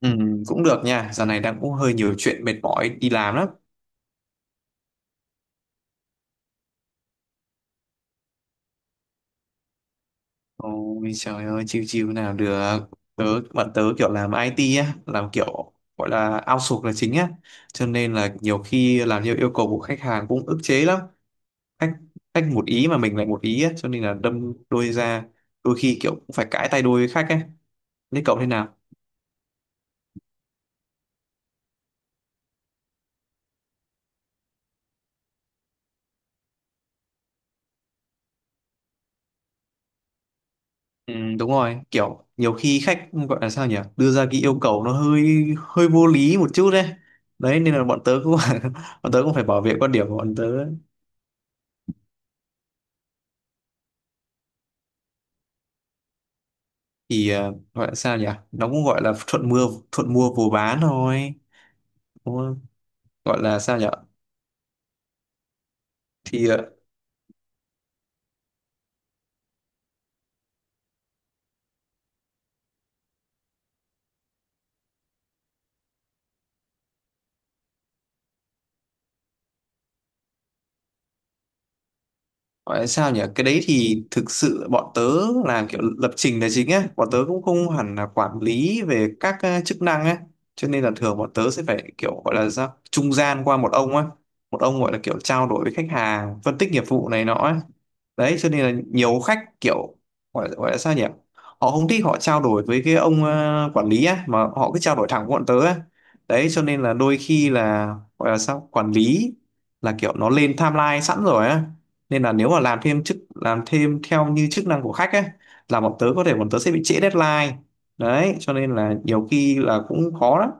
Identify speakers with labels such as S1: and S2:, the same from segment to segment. S1: Ừ, cũng được nha, giờ này đang cũng hơi nhiều chuyện mệt mỏi đi làm lắm. Ôi trời ơi, chiêu chiêu nào được. Tớ, bạn tớ kiểu làm IT á, làm kiểu gọi là outsource là chính á. Cho nên là nhiều khi làm theo yêu cầu của khách hàng cũng ức chế lắm. Khách, khách một ý mà mình lại một ý á, cho nên là đâm đôi ra. Đôi khi kiểu cũng phải cãi tay đôi với khách ấy. Thế cậu thế nào? Ừ, đúng rồi, kiểu nhiều khi khách gọi là sao nhỉ, đưa ra cái yêu cầu nó hơi hơi vô lý một chút đấy, nên là bọn tớ cũng bọn tớ cũng phải bảo vệ quan điểm của bọn tớ. Gọi là sao nhỉ, nó cũng gọi là thuận mua vừa bán thôi. Đúng không? Gọi là sao nhỉ. thì ờ, Gọi là sao nhỉ? Cái đấy thì thực sự bọn tớ làm kiểu lập trình là chính á, bọn tớ cũng không hẳn là quản lý về các chức năng á, cho nên là thường bọn tớ sẽ phải kiểu gọi là sao trung gian qua một ông á, một ông gọi là kiểu trao đổi với khách hàng, phân tích nghiệp vụ này nọ á. Đấy, cho nên là nhiều khách kiểu gọi là sao nhỉ? Họ không thích họ trao đổi với cái ông quản lý á mà họ cứ trao đổi thẳng với bọn tớ á. Đấy, cho nên là đôi khi là gọi là sao? Quản lý là kiểu nó lên timeline sẵn rồi á, nên là nếu mà làm thêm chức làm thêm theo như chức năng của khách ấy là bọn tớ có thể bọn tớ sẽ bị trễ deadline, đấy cho nên là nhiều khi là cũng khó lắm.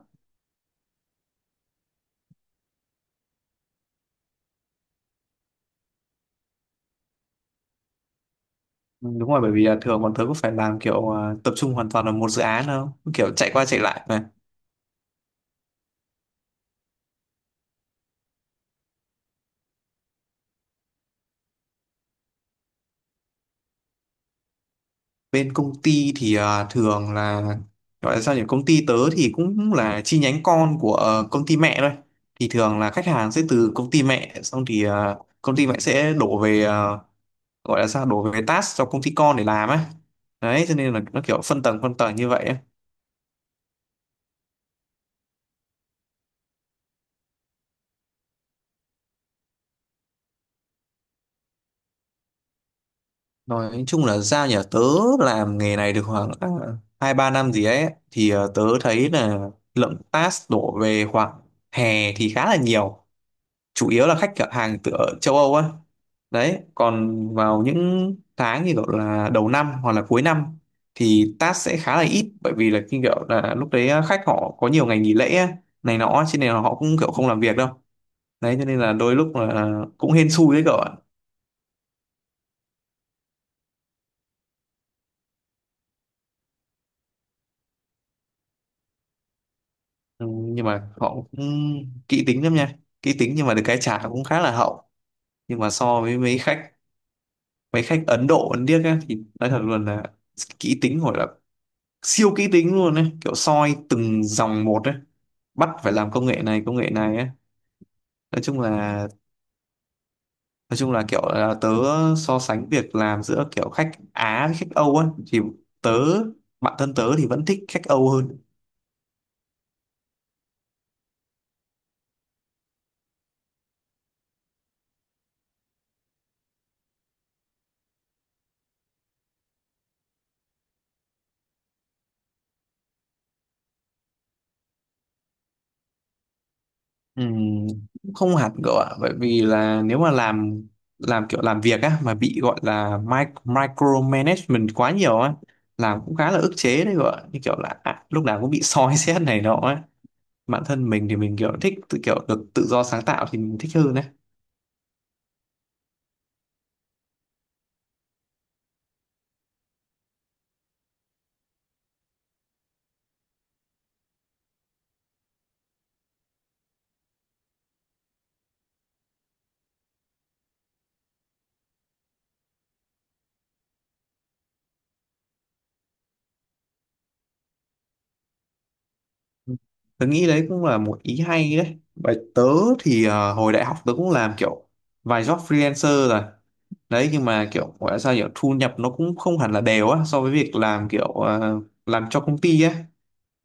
S1: Ừ, đúng rồi, bởi vì là thường bọn tớ cũng phải làm kiểu tập trung hoàn toàn vào một dự án đâu kiểu chạy qua chạy lại mà. Bên công ty thì thường là gọi là sao nhỉ, công ty tớ thì cũng là chi nhánh con của công ty mẹ thôi, thì thường là khách hàng sẽ từ công ty mẹ, xong thì công ty mẹ sẽ đổ về gọi là sao đối với task cho công ty con để làm á, đấy cho nên là nó kiểu phân tầng như vậy á. Nói chung là ra nhà tớ làm nghề này được khoảng 2-3 năm gì ấy, thì tớ thấy là lượng task đổ về khoảng hè thì khá là nhiều, chủ yếu là khách hàng từ ở châu Âu á. Đấy, còn vào những tháng như gọi là đầu năm hoặc là cuối năm thì task sẽ khá là ít, bởi vì là khi kiểu là lúc đấy khách họ có nhiều ngày nghỉ lễ á, này nọ cho nên là họ cũng kiểu không làm việc đâu, đấy cho nên là đôi lúc là cũng hên xui đấy cậu ạ. Ừ, nhưng mà họ cũng kỹ tính lắm nha, kỹ tính nhưng mà được cái trả cũng khá là hậu. Nhưng mà so với mấy khách Ấn Độ Ấn Điếc á, thì nói thật luôn là kỹ tính gọi là siêu kỹ tính luôn đấy, kiểu soi từng dòng một đấy, bắt phải làm công nghệ này ấy. Nói chung là kiểu là tớ so sánh việc làm giữa kiểu khách Á với khách Âu á, thì tớ bản thân tớ thì vẫn thích khách Âu hơn. Ừm, cũng không hẳn cậu ạ, bởi vì là nếu mà làm kiểu làm việc á mà bị gọi là micromanagement quá nhiều á, làm cũng khá là ức chế đấy cậu ạ, như kiểu là lúc nào cũng bị soi xét này nọ á. Bản thân mình thì mình kiểu thích tự kiểu được tự do sáng tạo thì mình thích hơn đấy. Tớ nghĩ đấy cũng là một ý hay đấy, bởi tớ thì hồi đại học tớ cũng làm kiểu vài job freelancer rồi, đấy nhưng mà kiểu gọi là sao kiểu thu nhập nó cũng không hẳn là đều á so với việc làm kiểu làm cho công ty á,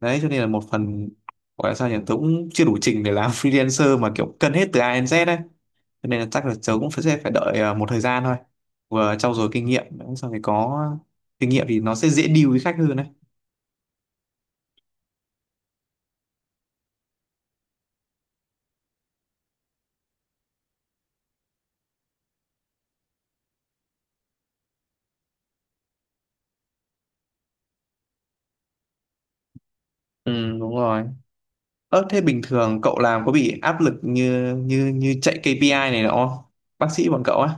S1: đấy cho nên là một phần gọi là sao nhỉ, tớ cũng chưa đủ trình để làm freelancer mà kiểu cân hết từ A đến Z đấy, cho nên là chắc là tớ cũng sẽ phải đợi một thời gian thôi, vừa trau dồi kinh nghiệm sau thì có kinh nghiệm thì nó sẽ dễ deal với khách hơn đấy. Ừ, đúng rồi. Ơ thế bình thường cậu làm có bị áp lực như như như chạy KPI này nọ không, bác sĩ bọn cậu á?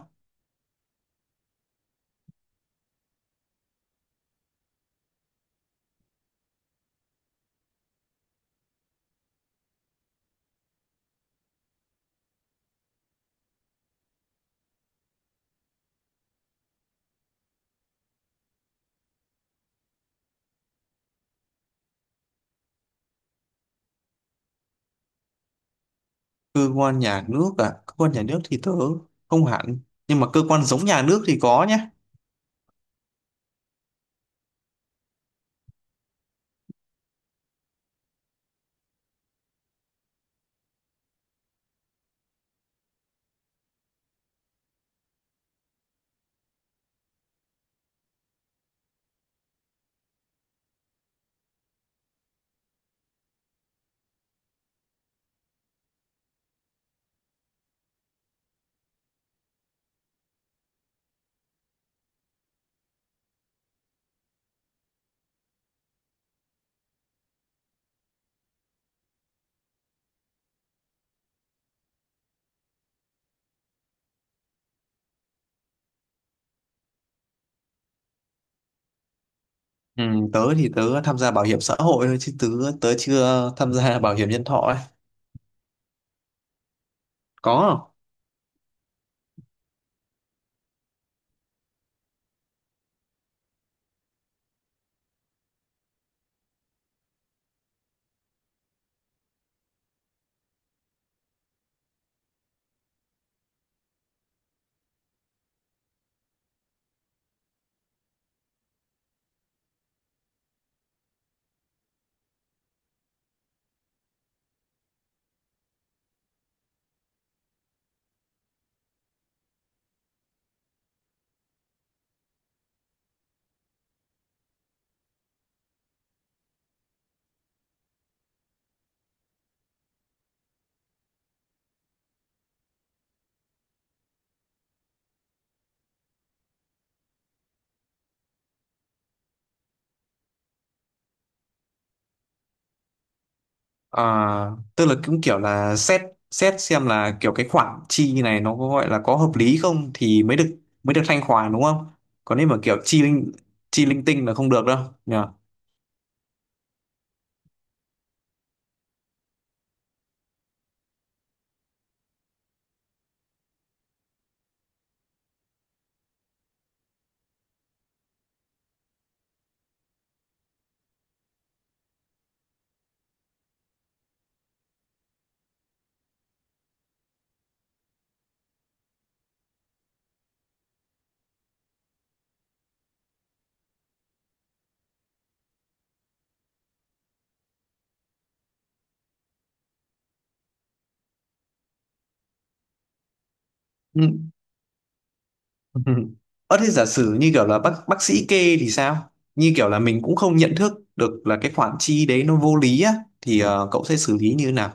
S1: Cơ quan nhà nước à? Cơ quan nhà nước thì tớ không hẳn, nhưng mà cơ quan giống nhà nước thì có nhá. Ừ, tớ thì tớ tham gia bảo hiểm xã hội thôi, chứ tớ tớ chưa tham gia bảo hiểm nhân thọ ấy. Có không? À, tức là cũng kiểu là xét xét xem là kiểu cái khoản chi này nó có gọi là có hợp lý không thì mới được thanh khoản đúng không? Còn nếu mà kiểu chi linh tinh là không được đâu nhỉ. Ừ. Ờ thế giả sử như kiểu là bác sĩ kê thì sao? Như kiểu là mình cũng không nhận thức được là cái khoản chi đấy nó vô lý á, thì cậu sẽ xử lý như thế nào?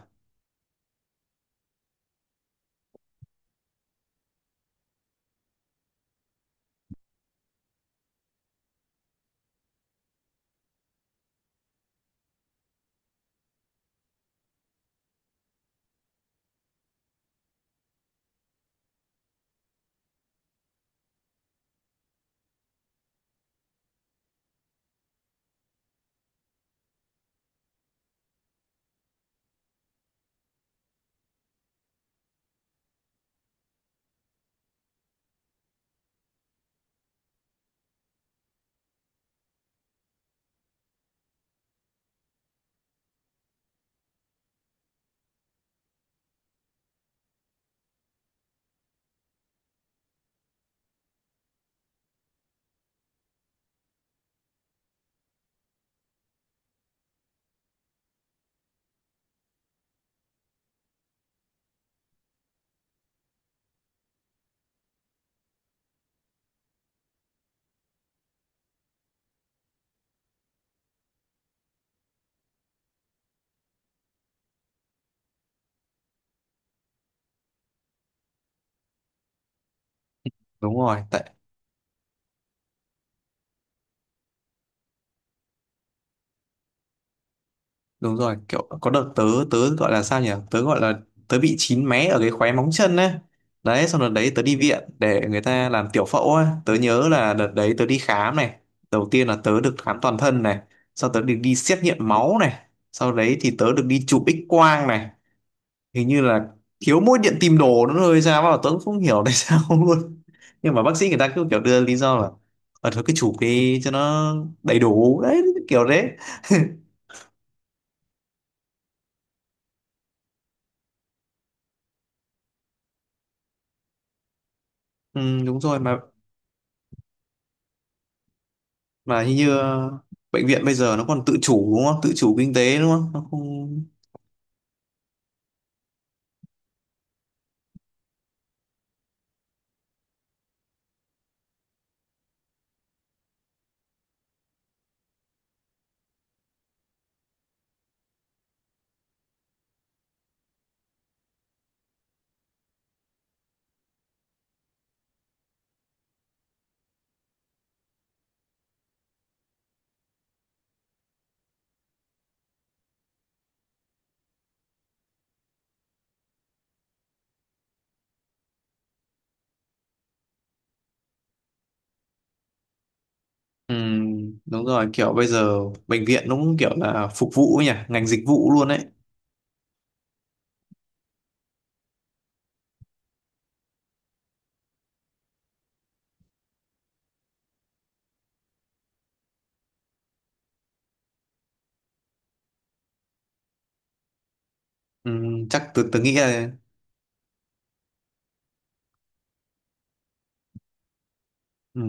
S1: Đúng rồi, tại đúng rồi kiểu có đợt tớ tớ gọi là sao nhỉ, tớ gọi là tớ bị chín mé ở cái khóe móng chân ấy, đấy xong đợt đấy tớ đi viện để người ta làm tiểu phẫu ấy, tớ nhớ là đợt đấy tớ đi khám này, đầu tiên là tớ được khám toàn thân này, sau tớ được đi xét nghiệm máu này, sau đấy thì tớ được đi chụp X quang này, hình như là thiếu mỗi điện tìm đồ nữa rồi sao mà tớ cũng không hiểu tại sao luôn, nhưng mà bác sĩ người ta cứ kiểu đưa lý do là thôi cứ chụp đi cho nó đầy đủ, đấy kiểu đấy. Ừ, đúng rồi, mà hình như bệnh viện bây giờ nó còn tự chủ đúng không, tự chủ kinh tế đúng không, nó không. Ừ, đúng rồi, kiểu bây giờ bệnh viện nó cũng kiểu là phục vụ ấy nhỉ, ngành dịch vụ luôn đấy. Ừ, chắc tôi nghĩ là. Ừ,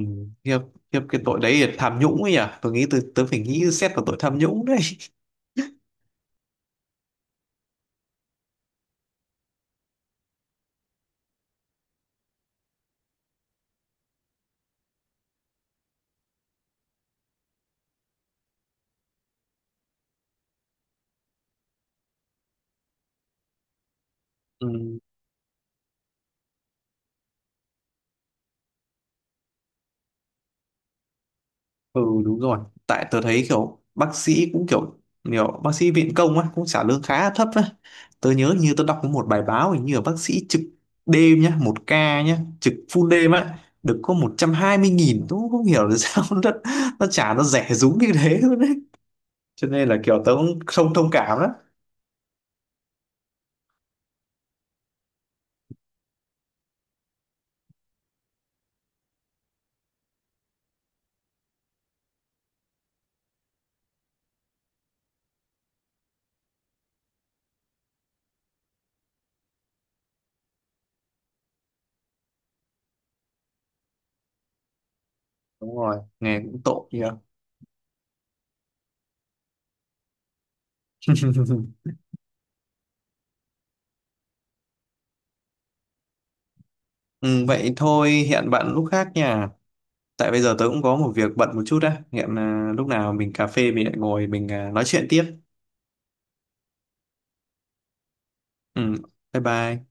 S1: khiếp khiếp cái tội đấy là tham nhũng ấy nhỉ, tôi nghĩ tôi phải nghĩ xét vào tội tham nhũng đấy. Ừ. Ừ, đúng rồi. Tại tớ thấy kiểu bác sĩ cũng kiểu nhiều bác sĩ viện công á cũng trả lương khá là thấp á. Tớ nhớ như tớ đọc có một bài báo, hình như là bác sĩ trực đêm nhá, một ca nhá trực full đêm á, được có 120.000. Tớ cũng không hiểu là sao nó trả nó rẻ rúng như thế luôn đấy, cho nên là kiểu tớ cũng không thông cảm đó. Đúng rồi, nghe cũng tội nhỉ. Ừ, vậy thôi hẹn bạn lúc khác nha, tại bây giờ tớ cũng có một việc bận một chút á. Hẹn lúc nào mình cà phê mình lại ngồi mình nói chuyện tiếp. Ừ, bye bye.